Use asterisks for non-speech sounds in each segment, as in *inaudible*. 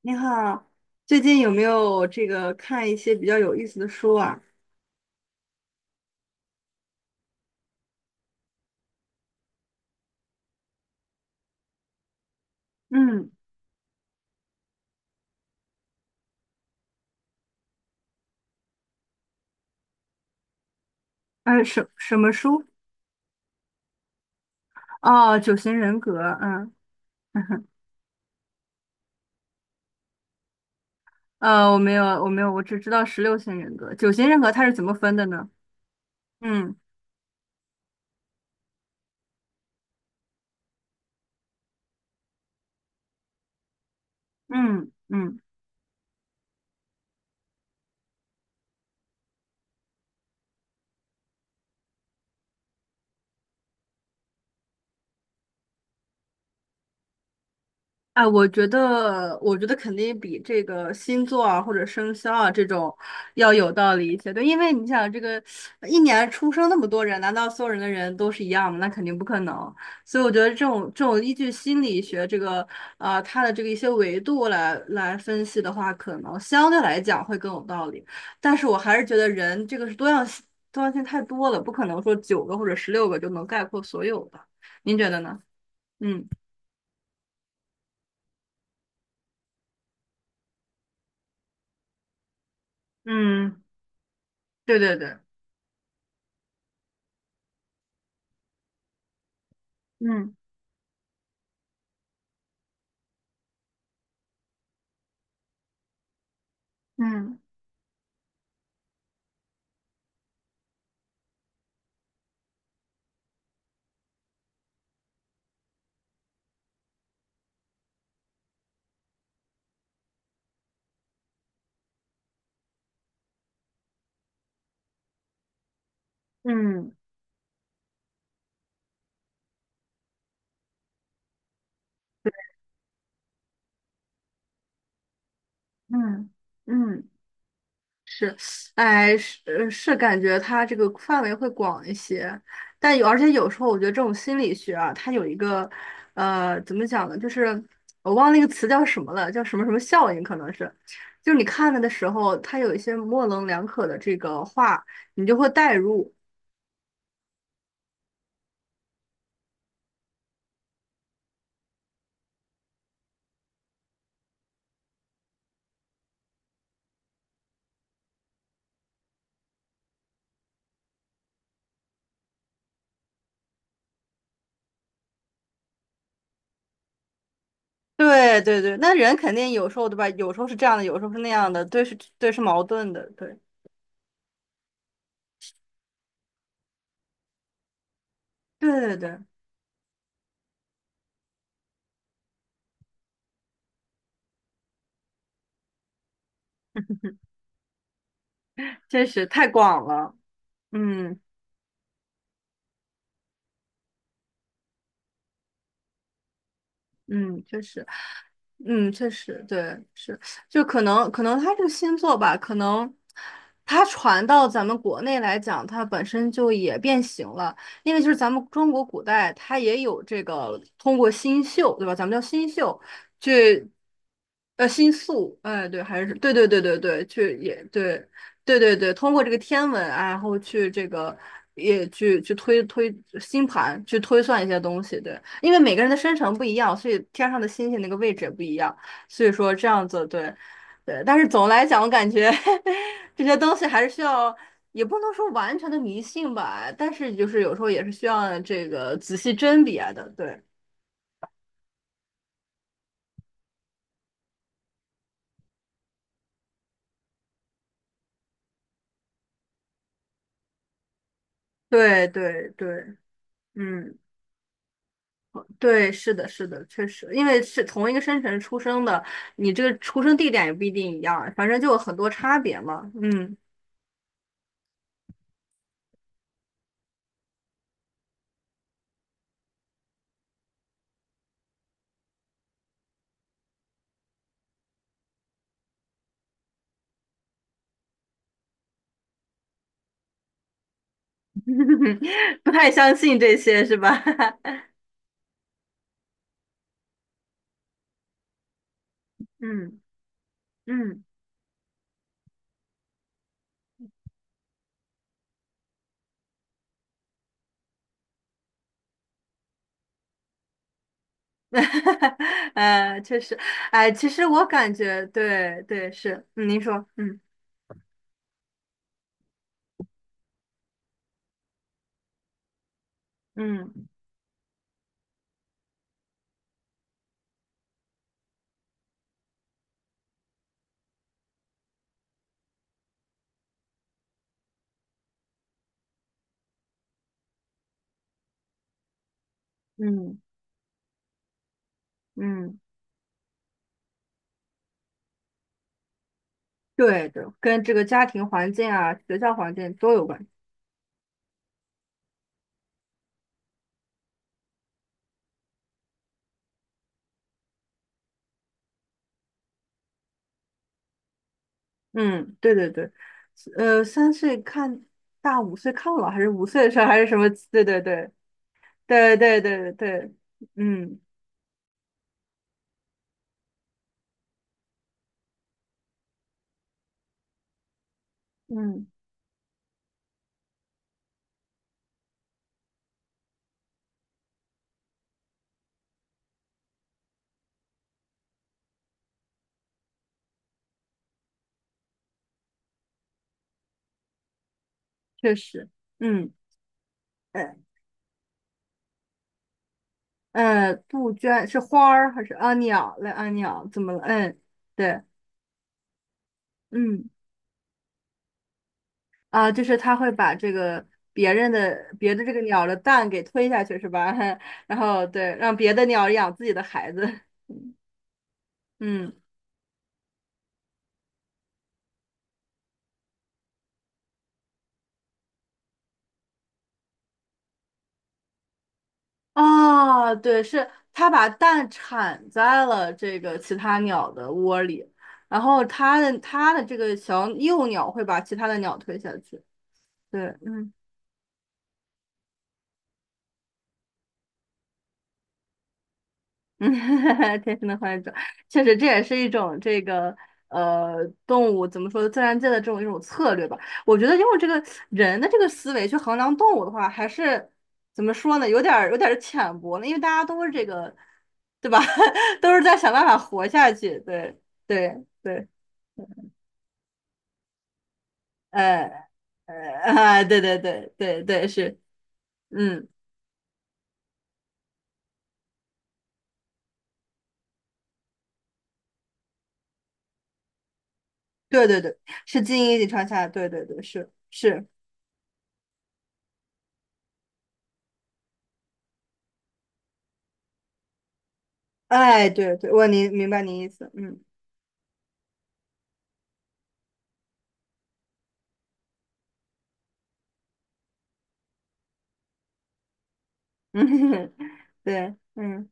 你好，最近有没有这个看一些比较有意思的书啊？嗯。什么书？哦，九型人格。嗯。*laughs* 我没有，我没有，我只知道十六型人格。九型人格它是怎么分的呢？嗯嗯嗯。哎，我觉得肯定比这个星座啊或者生肖啊这种要有道理一些。对，因为你想，这个一年出生那么多人，难道所有人的人都是一样吗？那肯定不可能。所以我觉得这种依据心理学这个它的这个一些维度来分析的话，可能相对来讲会更有道理。但是我还是觉得人这个是多样性，多样性太多了，不可能说九个或者十六个就能概括所有的。您觉得呢？嗯嗯，对对对。嗯嗯嗯嗯嗯，是。哎，是，感觉它这个范围会广一些，但有，而且有时候我觉得这种心理学啊，它有一个，怎么讲呢？就是我忘了那个词叫什么了，叫什么什么效应，可能是，就是你看了的时候，它有一些模棱两可的这个话，你就会代入。对对对，那人肯定有时候对吧？有时候是这样的，有时候是那样的，对是对是矛盾的，对。对对对，真是太广了。嗯嗯，确实。嗯，确实，对，是，就可能它这个星座吧，可能它传到咱们国内来讲，它本身就也变形了，因为就是咱们中国古代它也有这个通过星宿，对吧？咱们叫星宿，去星宿，哎，对，还是对对对对对，去也对，对对对，通过这个天文啊，然后去这个也去推星盘，去推算一些东西。对，因为每个人的生辰不一样，所以天上的星星那个位置也不一样，所以说这样子，对对。但是总的来讲，我感觉 *laughs* 这些东西还是需要，也不能说完全的迷信吧，但是就是有时候也是需要这个仔细甄别的。对对对对，嗯。对，是的，是的，确实，因为是同一个生辰出生的，你这个出生地点也不一定一样，反正就有很多差别嘛。嗯。*laughs* 不太相信这些是吧？*laughs* 嗯嗯。*laughs* 确实。哎，其实我感觉，对对，是，嗯您说，嗯嗯嗯嗯，嗯对的，跟这个家庭环境啊、学校环境都有关系。嗯，对对对，三岁看大五岁看老，还是五岁的时候，还是什么？对对对对对对对，嗯嗯，确实，嗯呃。杜鹃是花儿还是啊鸟来啊鸟怎么了？嗯，对。嗯啊，就是他会把这个别的这个鸟的蛋给推下去是吧？*laughs* 然后对，让别的鸟养自己的孩子，*laughs* 嗯。啊，对，是它把蛋产在了这个其他鸟的窝里，然后它的这个小幼鸟会把其他的鸟推下去。对，嗯嗯，*laughs* 天生的幻想，确实这也是一种这个动物怎么说自然界的这种一种策略吧。我觉得用这个人的这个思维去衡量动物的话，还是怎么说呢，有点儿浅薄了，因为大家都是这个，对吧？*laughs* 都是在想办法活下去。对对对，呃呃啊，*laughs* 对对对对对是，嗯，对对对，是基因遗传下来，对对对是是，哎，对对，你明白你意思，嗯。嗯，*laughs* 对，嗯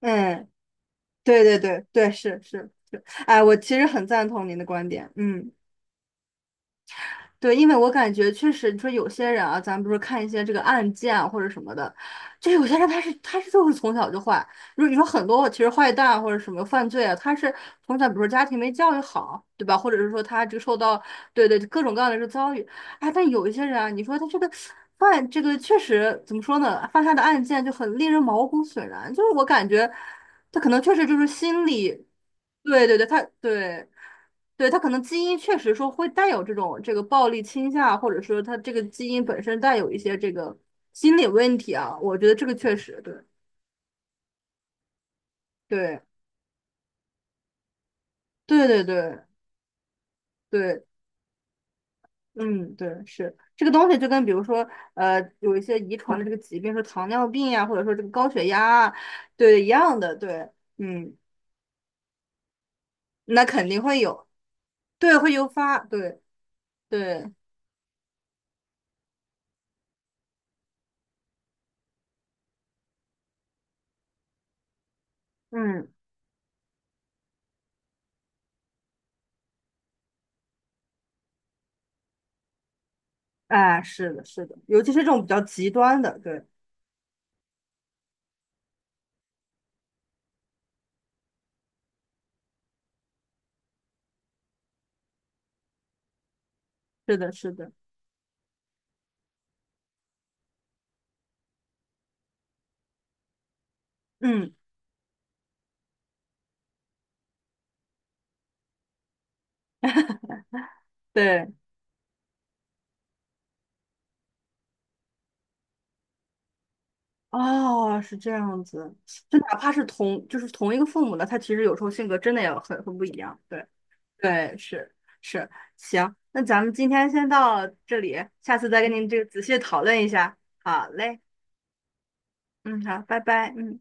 嗯，对对对对，是是是，哎，我其实很赞同您的观点，嗯。对，因为我感觉确实，你说有些人啊，咱不是看一些这个案件啊或者什么的，就有些人他是就是从小就坏。如果你说很多其实坏蛋啊或者什么犯罪啊，他是从小比如说家庭没教育好，对吧？或者是说他这个受到，对对，各种各样的这个遭遇，哎，但有一些人啊，你说他这个犯这个确实怎么说呢？犯下的案件就很令人毛骨悚然，就是我感觉他可能确实就是心理，对对对，他对。对，他可能基因确实说会带有这种这个暴力倾向，或者说他这个基因本身带有一些这个心理问题啊，我觉得这个确实对，对，对对对对，嗯，对，是这个东西就跟比如说有一些遗传的这个疾病，说糖尿病呀，或者说这个高血压啊，对，一样的，对，嗯，那肯定会有，对，会诱发，对对，嗯。哎，是的，是的，尤其是这种比较极端的，对，是的，是的，嗯，对。哦，是这样子，就哪怕是同，就是同一个父母的，他其实有时候性格真的也很不一样。对，对，是是，行，那咱们今天先到这里，下次再跟您这个仔细讨论一下。好嘞，嗯，好，拜拜，嗯。